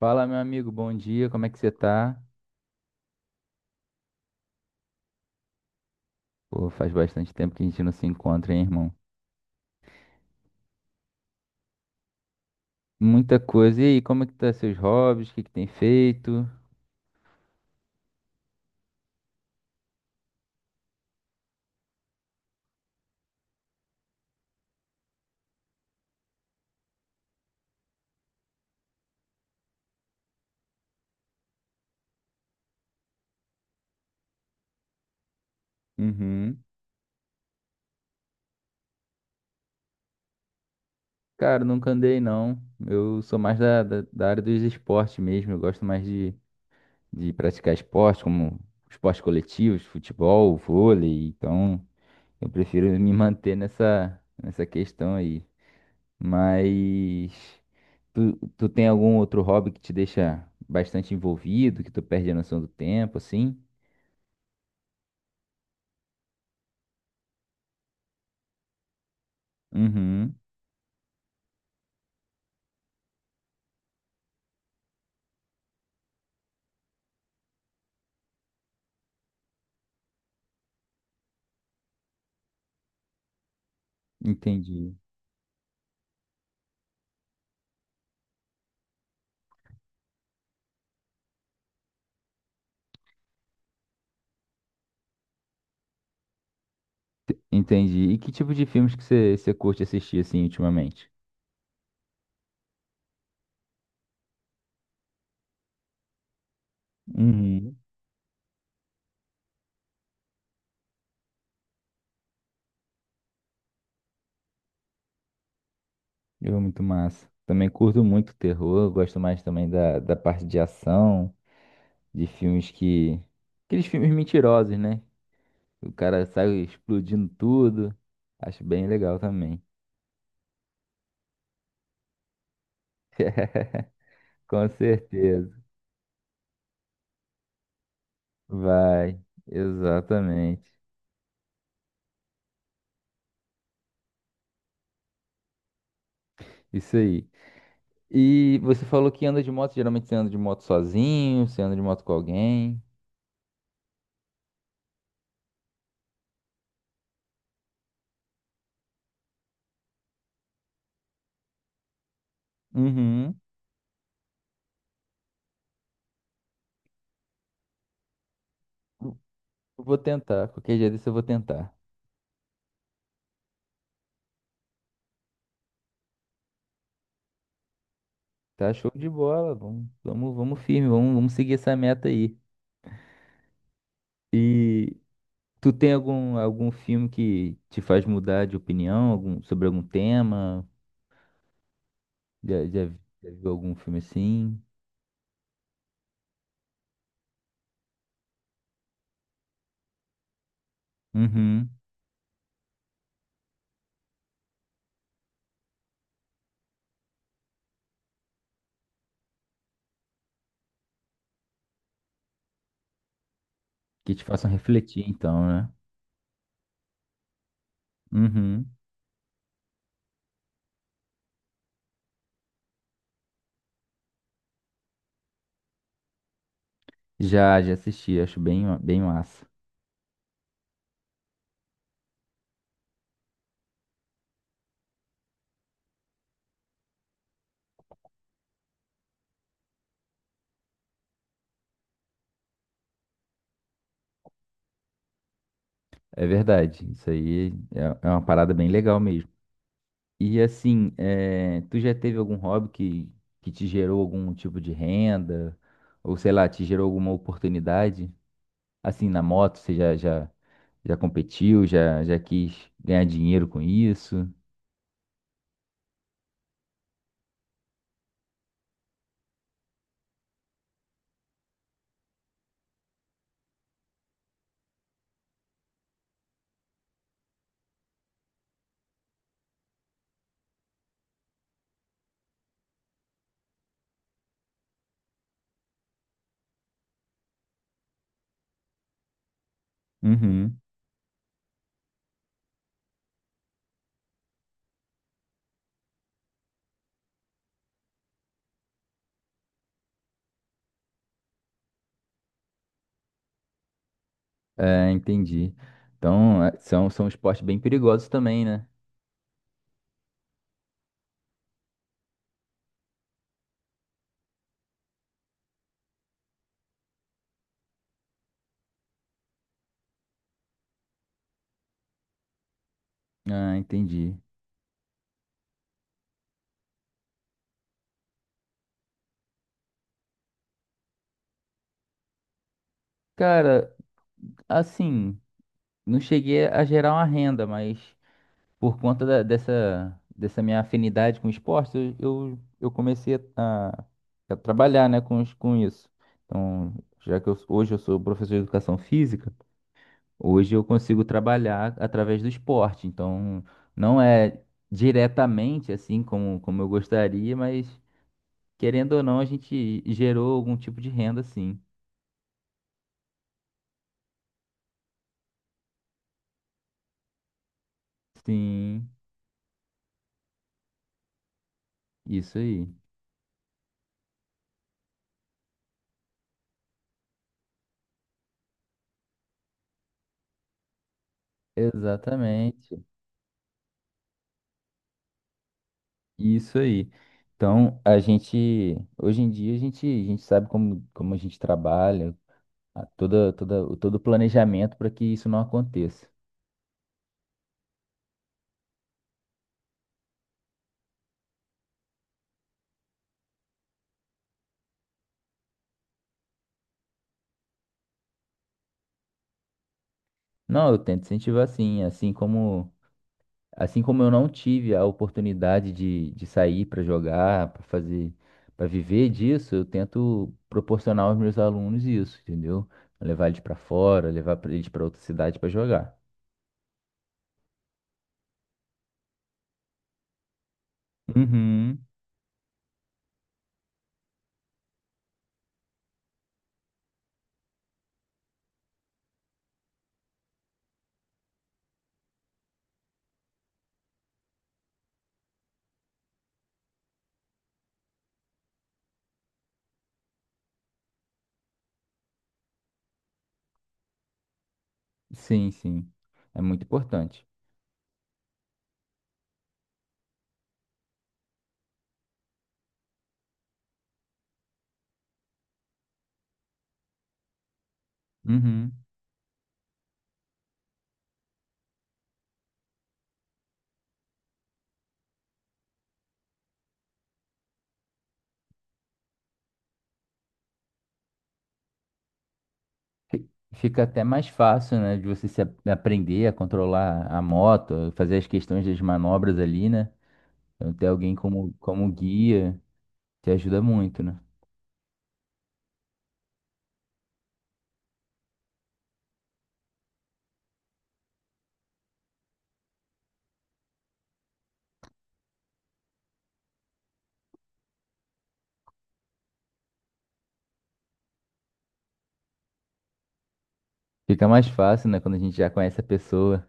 Fala, meu amigo, bom dia, como é que você tá? Pô, faz bastante tempo que a gente não se encontra, hein, irmão? Muita coisa. E aí, como é que tá seus hobbies? O que que tem feito? Uhum. Cara, nunca andei, não. Eu sou mais da área dos esportes mesmo. Eu gosto mais de praticar esporte, como esportes coletivos, futebol, vôlei. Então, eu prefiro me manter nessa questão aí. Mas tu tem algum outro hobby que te deixa bastante envolvido, que tu perde a noção do tempo, assim? Uhum, entendi. Entendi. E que tipo de filmes que você curte assistir, assim, ultimamente? Uhum. Eu muito massa. Também curto muito terror, gosto mais também da parte de ação, de filmes. Aqueles filmes mentirosos, né? O cara sai explodindo tudo. Acho bem legal também. Com certeza. Vai, exatamente. Isso aí. E você falou que anda de moto, geralmente você anda de moto sozinho, você anda de moto com alguém. Uhum. Eu vou tentar, qualquer dia desse eu vou tentar. Tá show de bola, vamos, vamos, vamos firme, vamos, vamos seguir essa meta aí. E tu tem algum filme que te faz mudar de opinião, sobre algum tema? Já, já, já viu algum filme assim? Uhum. Que te façam refletir, então, né? Uhum. Já assisti, acho bem, bem massa. É verdade, isso aí é é uma parada bem legal mesmo. E assim, tu já teve algum hobby que te gerou algum tipo de renda? Ou sei lá, te gerou alguma oportunidade? Assim, na moto, você já competiu, já quis ganhar dinheiro com isso? Uhum. É, entendi. Então, são, são esportes bem perigosos também, né? Ah, entendi. Cara, assim, não cheguei a gerar uma renda, mas por conta dessa, dessa minha afinidade com esporte, eu comecei a trabalhar, né, com, com isso. Então, já que hoje eu sou professor de educação física, hoje eu consigo trabalhar através do esporte. Então, não é diretamente assim como, como eu gostaria, mas querendo ou não, a gente gerou algum tipo de renda, sim. Sim, isso aí. Exatamente. Isso aí. Então, a gente, hoje em dia, a gente sabe como, como a gente trabalha, toda, todo o planejamento para que isso não aconteça. Não, eu tento incentivar sim, assim como eu não tive a oportunidade de sair para jogar, para fazer, para viver disso, eu tento proporcionar aos meus alunos isso, entendeu? Levar eles para fora, levar eles para outra cidade para jogar. Uhum, sim, sim. É muito importante. Uhum. Fi- Fica até mais fácil, né, de você se a- aprender a controlar a moto, fazer as questões das manobras ali, né? Então, ter alguém como, como guia te ajuda muito, né? Fica mais fácil, né, quando a gente já conhece a pessoa.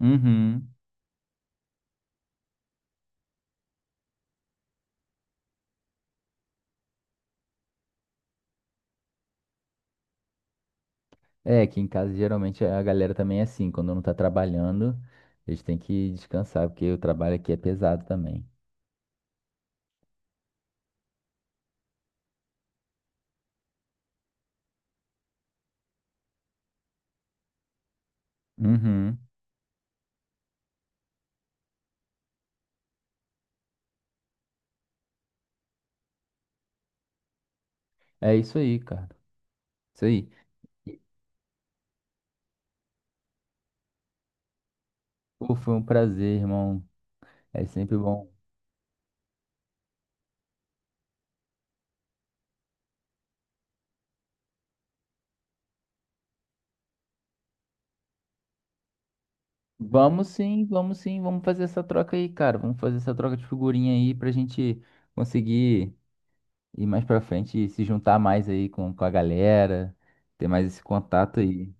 Uhum. É, aqui em casa geralmente a galera também é assim, quando não tá trabalhando, eles têm que descansar, porque o trabalho aqui é pesado também. Uhum. É isso aí, cara. Isso aí. E, pô, foi um prazer, irmão. É sempre bom. Vamos sim, vamos sim, vamos fazer essa troca aí, cara. Vamos fazer essa troca de figurinha aí pra gente conseguir ir mais pra frente e se juntar mais aí com a galera, ter mais esse contato aí, se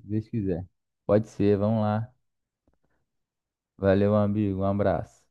Deus quiser. Pode ser, vamos lá. Valeu, amigo, um abraço.